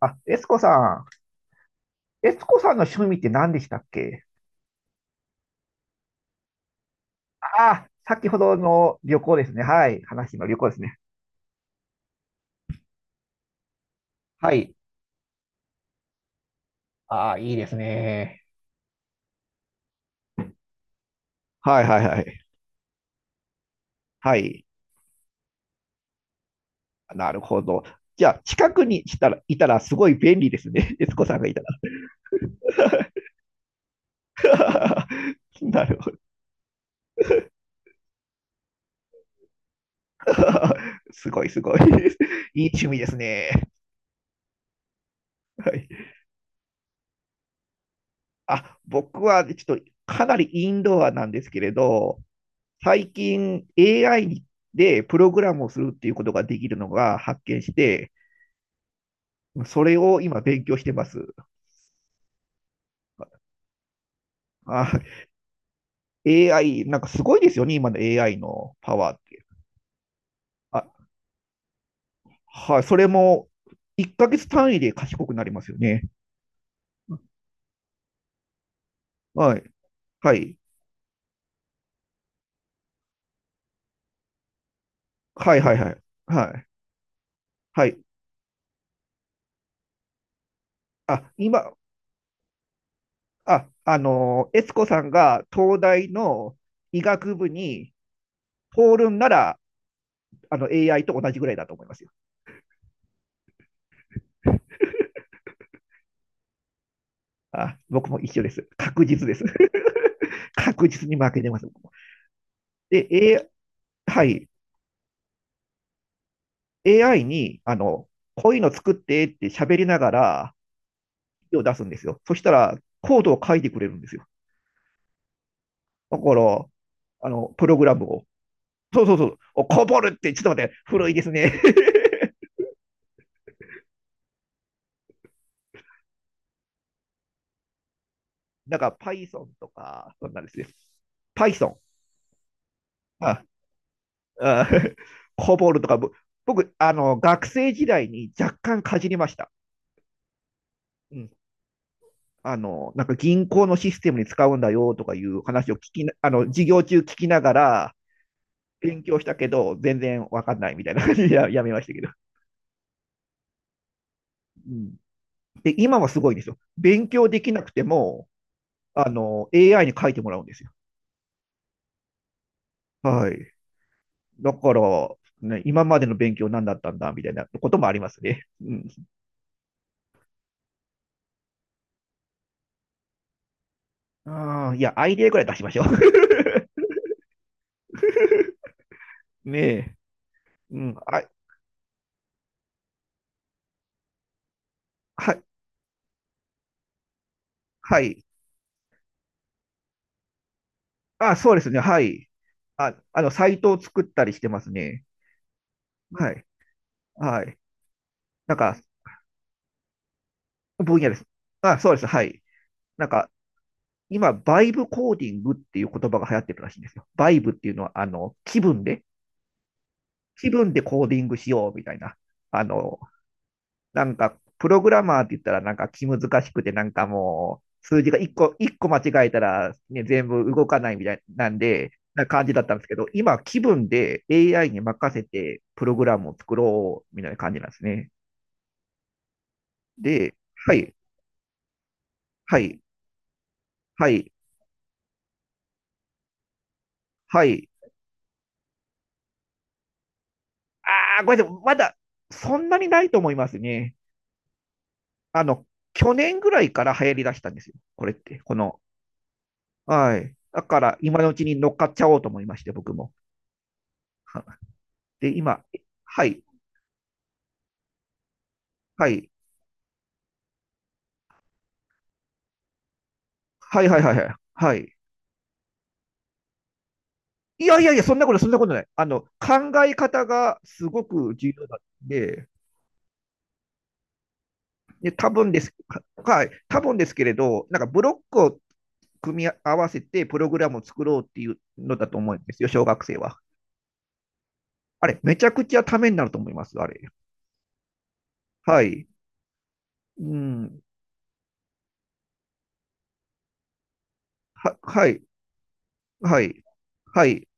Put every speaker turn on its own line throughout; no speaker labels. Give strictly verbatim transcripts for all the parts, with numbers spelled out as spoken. あ、エスコさん。エスコさんの趣味って何でしたっけ？ああ、先ほどの旅行ですね。はい。話の旅行ですね。はい。ああ、いいですね。はいはいはい。はい。なるほど。じゃあ、近くにしたら、いたらすごい便利ですね。エスコさんがいたら。なるほど。すごいすごい。いい趣味ですね。はい。あ、僕はちょっとかなりインドアなんですけれど、最近 エーアイ でプログラムをするっていうことができるのが発見して、それを今勉強してます。あ、エーアイ、なんかすごいですよね、今の エーアイ のパワーって。あ、はい、それもいっかげつ単位で賢くなりますよね。はい、はい、はい、はい、はい、はい、はい。あ、今、あ、あの、悦子さんが東大の医学部に通るんなら、あの エーアイ と同じぐらいだと思いますよ。あ、僕も一緒です。確実です。確実に負けてます。で、A、はい、エーアイ に、あの、こういうの作ってって喋りながら、手を出すんですよ。そしたら、コードを書いてくれるんですよ。だから、あの、プログラムを。そうそうそう。お、こぼるって、ちょっと待って、古いですね。なんか、Python とか、そんなんですよ。Python。あ、あ こぼるとか、僕、あの、学生時代に若干かじりました。うん。あの、なんか銀行のシステムに使うんだよとかいう話を聞きな、あの、授業中聞きながら勉強したけど、全然わかんないみたいな感じでや やめましたけど。うん。で、今はすごいですよ。勉強できなくても、あの、エーアイ に書いてもらうんですよ。はい。だから、ね、今までの勉強何だったんだみたいなこともありますね。うん。ああ、いや、アイデアぐらい出しましょう。ねえ。うん。あ、はい、はい。あ、そうですね。はい。あ、あの、サイトを作ったりしてますね。はい。はい。なんか、分野です。あ、そうです。はい。なんか、今、バイブコーディングっていう言葉が流行ってるらしいんですよ。バイブっていうのは、あの、気分で、気分でコーディングしようみたいな。あの、なんか、プログラマーって言ったら、なんか気難しくて、なんかもう、数字が一個、一個間違えたら、ね、全部動かないみたいなんで、な感じだったんですけど、今、気分で エーアイ に任せて、プログラムを作ろうみたいな感じなんですね。で、はい、はい、はい、はい、はい、ああ、ごめんなさい。まだ、そんなにないと思いますね。あの、去年ぐらいから流行り出したんですよ。これって、この。はい。だから、今のうちに乗っかっちゃおうと思いまして、僕も。はで、今、はい、はい、はい、はい、はい、はい。はい。いやいやいや、そんなこと、そんなことない。あの、考え方がすごく重要なんで、で、多分です、はい、多分ですけれど、なんかブロックを組み合わせてプログラムを作ろうっていうのだと思うんですよ、小学生は。あれ、めちゃくちゃためになると思います、あれ。はい。うん。は、はい。はい。はい。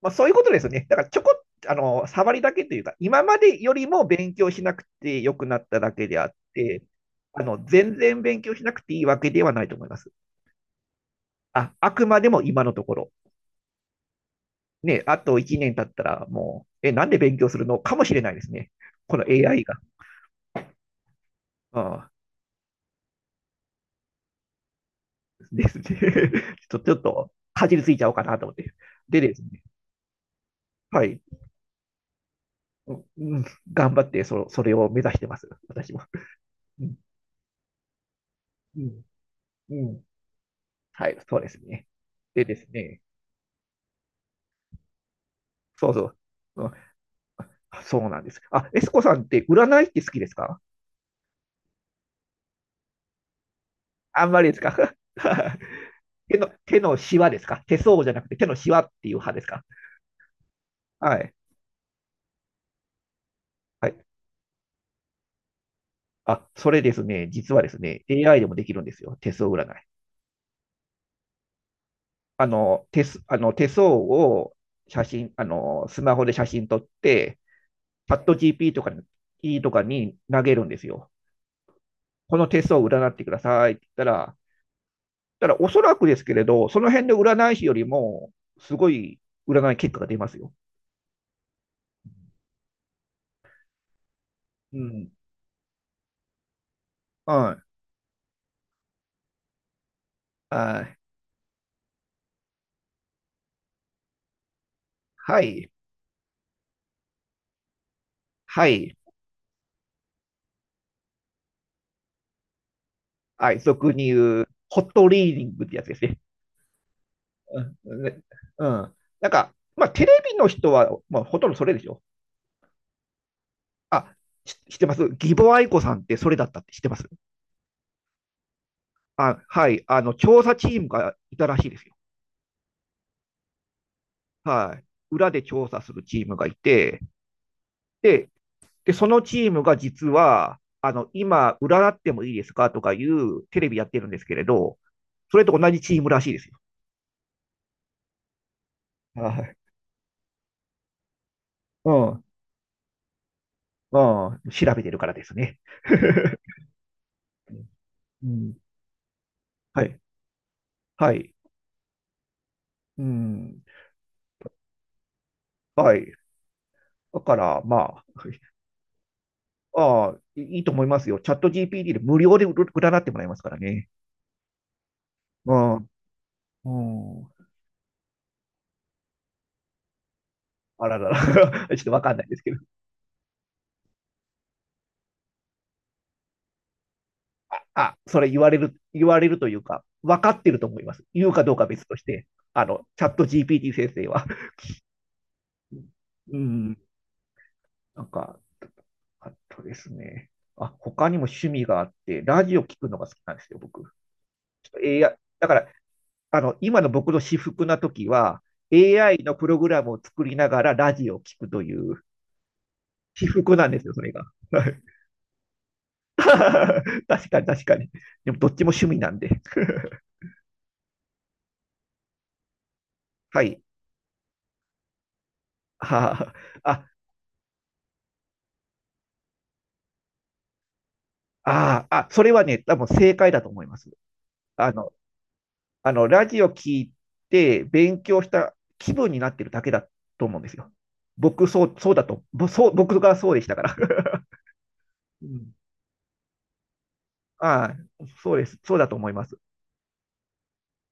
まあ、そういうことですね。だから、ちょこっと、あの、触りだけというか、今までよりも勉強しなくて良くなっただけであって、あの、全然勉強しなくていいわけではないと思います。あ、あくまでも今のところ。ね、あといちねん経ったら、もう、え、なんで勉強するのかもしれないですね。この エーアイ が。うん、ですね。ちょっと、ちょっと、かじりついちゃおうかなと思って。でですね。はい。うんうん、頑張ってそ、それを目指してます、私も。うんうんうん、はい、そうですね。でですね、そうそう、うん、そうなんです。あ、エスコさんって占いって好きですか？あんまりですか？ 手の、手のシワですか？手相じゃなくて手のシワっていう派ですか？はい。はい。あ、それですね、実はですね、エーアイ でもできるんですよ。手相占い。あの、手す、あの手相を写真、あの、スマホで写真撮って、チャット ジーピー とかにとかに投げるんですよ。この手相を占ってくださいって言ったら、だからおそらくですけれど、その辺で占い師よりも、すごい占い結果が出ますよ。うん。うん。あ、はい。はい。はい。俗に言う、ホットリーディングってやつですね。うんね。うん。なんか、まあ、テレビの人は、まあ、ほとんどそれでしょ。あ、し知ってます？義母愛子さんってそれだったって知ってます？あ、はい。あの、調査チームがいたらしいですよ。はい、裏で調査するチームがいて、で、でそのチームが実は、あの、今、占ってもいいですかとかいうテレビやってるんですけれど、それと同じチームらしいですよ。はい。うん。うん。調べてるからですね。うん。はい。はい。うん。はい。だから、まあ、ああ、いいと思いますよ。チャット ジーピーティー で無料で占ってもらいますからね。うん。うん。あららら、ちょっとわかんないですけど。あ、それ言われる、言われるというか、分かってると思います。言うかどうか別として、あの、チャット ジーピーティー 先生は。うん、なんか、あとですね。あ、他にも趣味があって、ラジオ聞くのが好きなんですよ、僕。ちょっと エーアイ、だから、あの、今の僕の私服な時は、エーアイ のプログラムを作りながらラジオを聞くという、私服なんですよ、それが。確かに、確かに。でも、どっちも趣味なんで。はい。はあ、あ、ああ、あ、それはね、多分正解だと思います。あの、あの、ラジオ聞いて勉強した気分になってるだけだと思うんですよ。僕、そう、そうだと、ぼそう、僕がそうでしたから。うん。ああ、そうです。そうだと思います。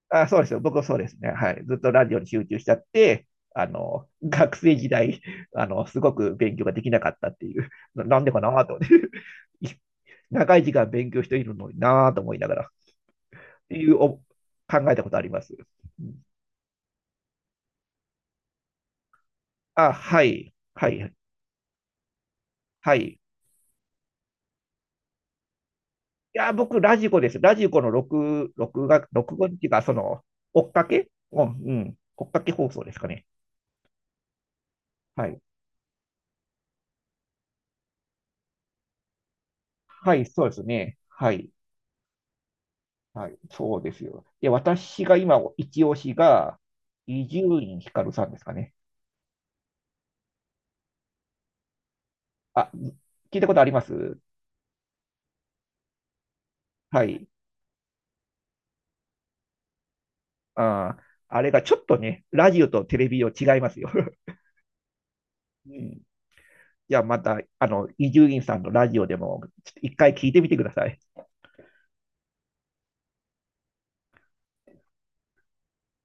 ああ、そうですよ。僕はそうですね。はい。ずっとラジオに集中しちゃって、あの、学生時代、あの、すごく勉強ができなかったっていう、な、なんでかなと思って、長い時間勉強しているのになと思いながら、っていうお考えたことあります。う、あ、はい、はい、はい。いや、僕、ラジコです。ラジコの録、録画、録画っていうか、その、追っかけうん、うん、追っかけ放送ですかね。はい。はい、そうですね。はい、はい、そうですよ。で、私が今、一押しが、伊集院光さんですかね。あ、聞いたことあります？はい。あー、あれがちょっとね、ラジオとテレビを違いますよ。うん。じゃあまた、あの、伊集院さんのラジオでも、ちょっと一回聞いてみてください。